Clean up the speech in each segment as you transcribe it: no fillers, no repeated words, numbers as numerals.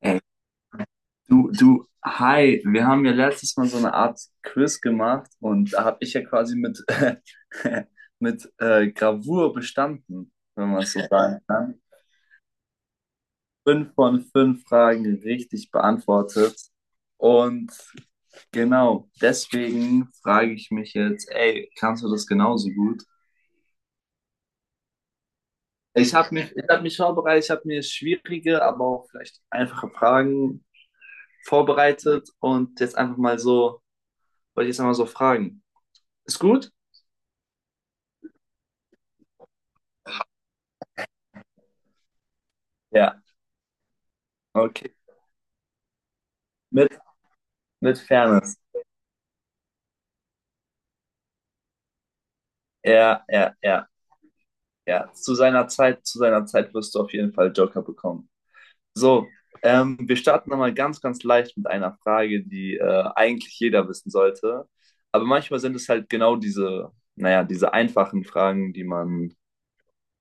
Ey, du, hi, wir haben ja letztes Mal so eine Art Quiz gemacht und da habe ich ja quasi mit Gravur bestanden, wenn man es so sagen kann. Fünf von fünf Fragen richtig beantwortet. Und genau, deswegen frage ich mich jetzt, ey, kannst du das genauso gut? Ich hab mich vorbereitet, ich habe mir schwierige, aber auch vielleicht einfache Fragen vorbereitet und jetzt einfach mal so, wollte ich jetzt einmal so fragen. Ist gut? Ja, okay. Mit, mit Fairness. Ja, ja, ja, ja. Zu seiner Zeit wirst du auf jeden Fall Joker bekommen. So, wir starten nochmal ganz, ganz leicht mit einer Frage, die eigentlich jeder wissen sollte. Aber manchmal sind es halt genau naja, diese einfachen Fragen, die man,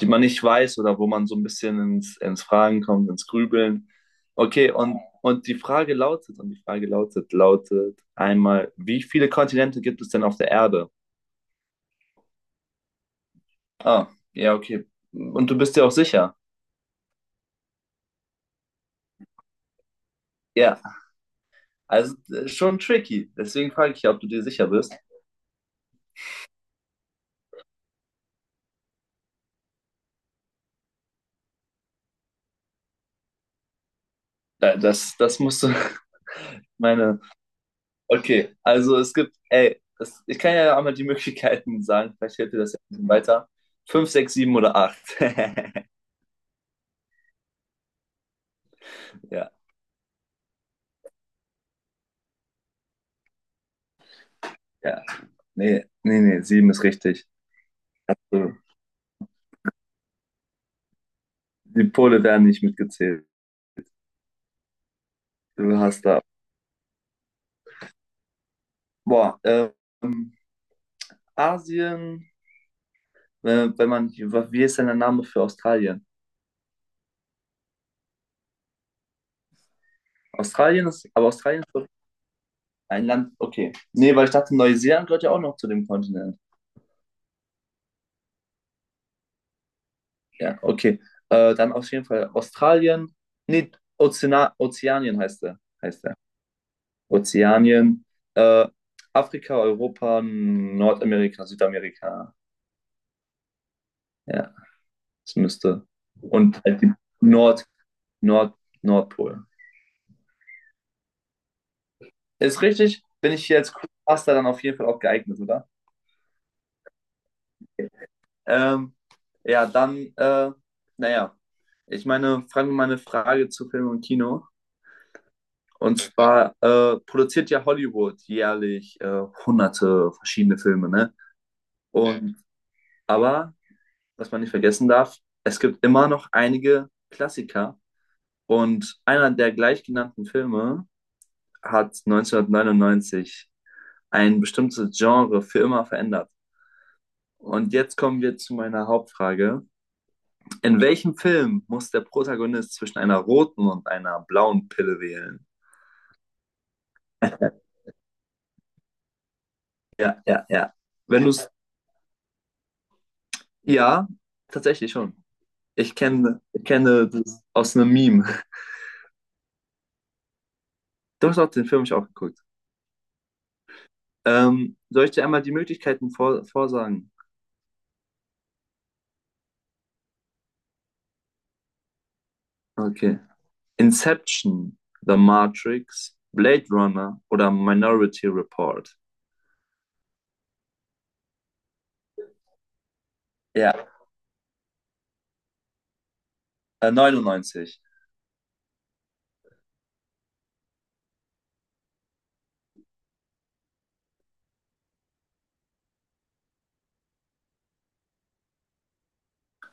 die man nicht weiß oder wo man so ein bisschen ins Fragen kommt, ins Grübeln. Okay, und die Frage lautet einmal, wie viele Kontinente gibt es denn auf der Erde? Ah, ja, okay. Und du bist dir auch sicher? Ja, also schon tricky. Deswegen frage ich ja, ob du dir sicher bist. Das musst du. Meine. Okay, also es gibt, ey, das, ich kann ja einmal die Möglichkeiten sagen. Vielleicht hilft dir das ja ein bisschen weiter. Fünf, sechs, sieben oder acht. Ja, ja. Nee, nee, nee, sieben ist richtig. So. Die Pole werden nicht mitgezählt. Du hast da. Boah, Asien, wenn man, wie ist denn der Name für Australien? Australien ist, aber Australien ist doch ein Land, okay. Nee, weil ich dachte, Neuseeland gehört ja auch noch zu dem Kontinent. Ja, okay. Dann auf jeden Fall Australien. Nee, Ozeana Ozeanien heißt er. Heißt er. Ozeanien. Äh, Afrika, Europa, Nordamerika, Südamerika. Ja, das müsste. Und halt die Nord, Nord, Nordpol. Ist richtig? Bin ich hier als Crewmaster dann auf jeden Fall auch geeignet, oder? Ähm, ja, dann, naja, ich meine, fragen wir mal eine Frage zu Film und Kino. Und zwar produziert ja Hollywood jährlich hunderte verschiedene Filme, ne? Und aber, was man nicht vergessen darf, es gibt immer noch einige Klassiker. Und einer der gleichgenannten Filme hat 1999 ein bestimmtes Genre für immer verändert. Und jetzt kommen wir zu meiner Hauptfrage. In welchem Film muss der Protagonist zwischen einer roten und einer blauen Pille wählen? Ja, ja, ja. Wenn du es. Ja, tatsächlich schon. Ich kenne das aus einem Meme. Du hast auch den Film ich auch geguckt. Soll ich dir einmal die Möglichkeiten vorsagen? Okay. Inception, The Matrix, Blade Runner oder Minority Report? Ja, 99.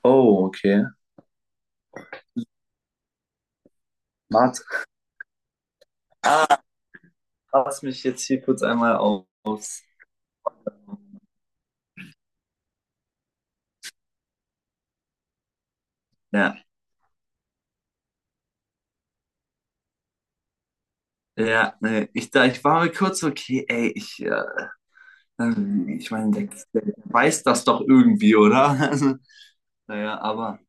Oh, okay. Warte. Ah, lass mich jetzt hier kurz einmal aufs. Ja, ja, nee, ich war mir kurz so, okay, ey, ich meine, der weiß das doch irgendwie, oder? Also, naja, aber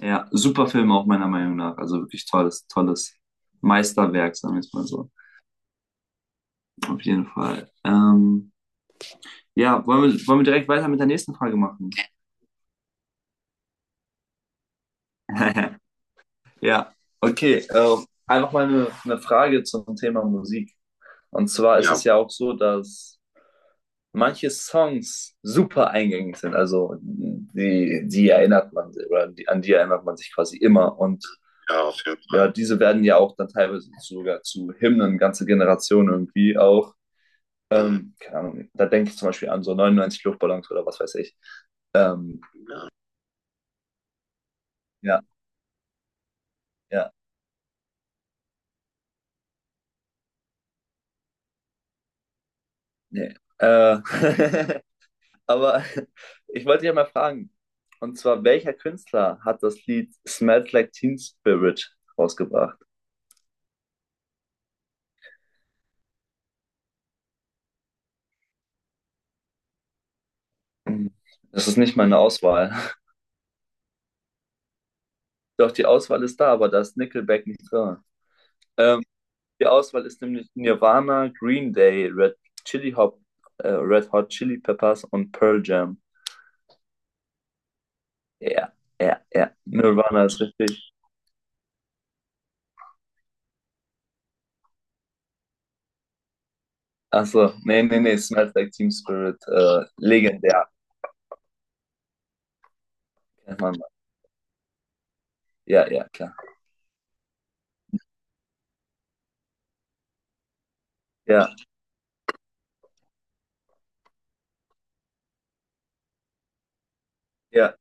ja, super Film auch meiner Meinung nach. Also wirklich tolles, tolles Meisterwerk, sagen wir es mal so. Auf jeden Fall. Ja, wollen wir direkt weiter mit der nächsten Frage machen? Ja, okay. Einfach mal eine Frage zum Thema Musik. Und zwar ist, ja, es ja auch so, dass manche Songs super eingängig sind. Also die, die erinnert man oder die, an die erinnert man sich quasi immer. Und, ja, auf jeden Fall, ja, diese werden ja auch dann teilweise sogar zu Hymnen, ganze Generationen irgendwie auch. Mhm. Keine Ahnung, da denke ich zum Beispiel an so 99 Luftballons oder was weiß ich. Ähm, Ja, ja, ja, nee. Aber ich wollte dich ja mal fragen, und zwar, welcher Künstler hat das Lied Smells Like Teen Spirit rausgebracht? Mhm. Das ist nicht meine Auswahl. Doch, die Auswahl ist da, aber da ist Nickelback nicht drin. Ähm, die Auswahl ist nämlich Nirvana, Green Day, Chili Hop, Red Hot Chili Peppers und Pearl Jam. Ja, ja, ja. Nirvana ist richtig. Achso, nee, nee, nee. Smells Like Teen Spirit, legendär. Kennt man. Ja, ja, klar. Ja, ja.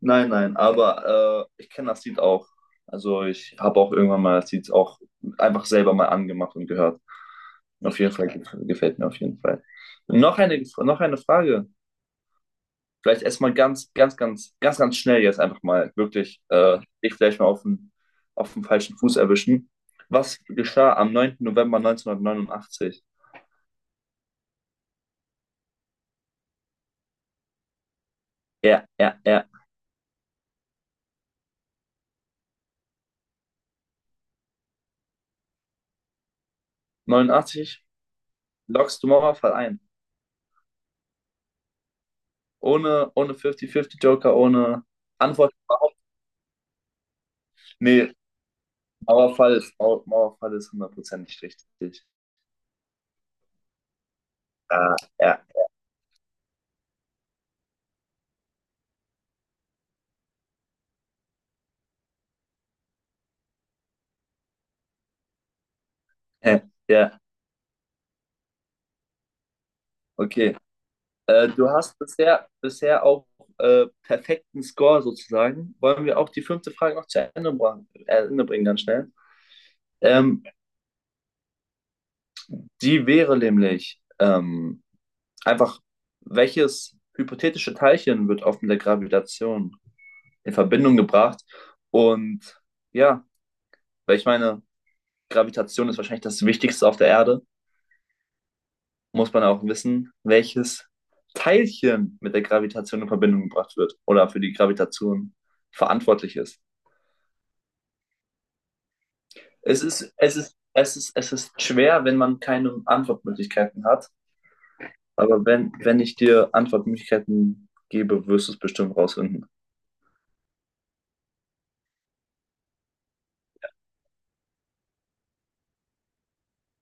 Nein, nein, aber ich kenne das Lied auch. Also ich habe auch irgendwann mal das Lied auch einfach selber mal angemacht und gehört. Auf jeden Fall gefällt mir auf jeden Fall. Noch eine Frage. Vielleicht erstmal ganz, ganz, ganz, ganz, ganz schnell jetzt einfach mal wirklich dich vielleicht mal auf den falschen Fuß erwischen. Was geschah am 9. November 1989? Ja, ja, ja. 89. Lockst du Mauerfall ein. Ohne 50-50 Joker, ohne Antwort überhaupt. Nee, Mauerfall ist hundertprozentig richtig. Ah, ja, ja, okay. Du hast bisher auch perfekten Score sozusagen. Wollen wir auch die fünfte Frage noch zu Ende bringen, ganz schnell? Ähm, die wäre nämlich einfach, welches hypothetische Teilchen wird oft mit der Gravitation in Verbindung gebracht? Und ja, weil ich meine, Gravitation ist wahrscheinlich das Wichtigste auf der Erde. Muss man auch wissen, welches Teilchen mit der Gravitation in Verbindung gebracht wird oder für die Gravitation verantwortlich ist. Es ist schwer, wenn man keine Antwortmöglichkeiten hat. Aber wenn ich dir Antwortmöglichkeiten gebe, wirst du es bestimmt rausfinden.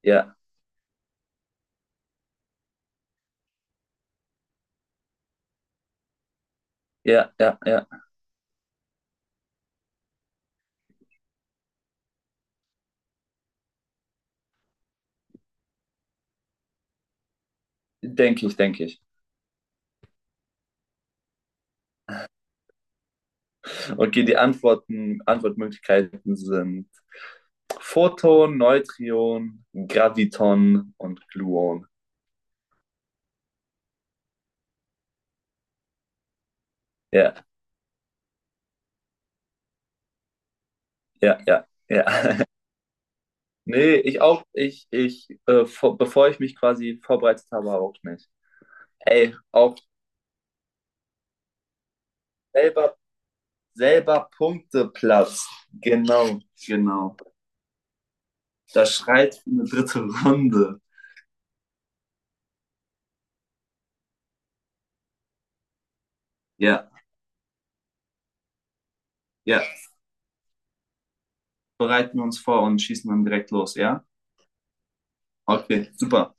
Ja, ja, ja, ja. Denke ich, denke ich. Okay, die Antwortmöglichkeiten sind Photon, Neutron, Graviton und Gluon. Ja, ja, ja, ja. Nee, ich auch, bevor ich mich quasi vorbereitet habe, auch nicht. Ey, auch selber, selber Punkteplatz. Genau, genau. Das schreit für eine dritte Runde. Ja, ja. Bereiten wir uns vor und schießen dann direkt los, ja? Okay, super.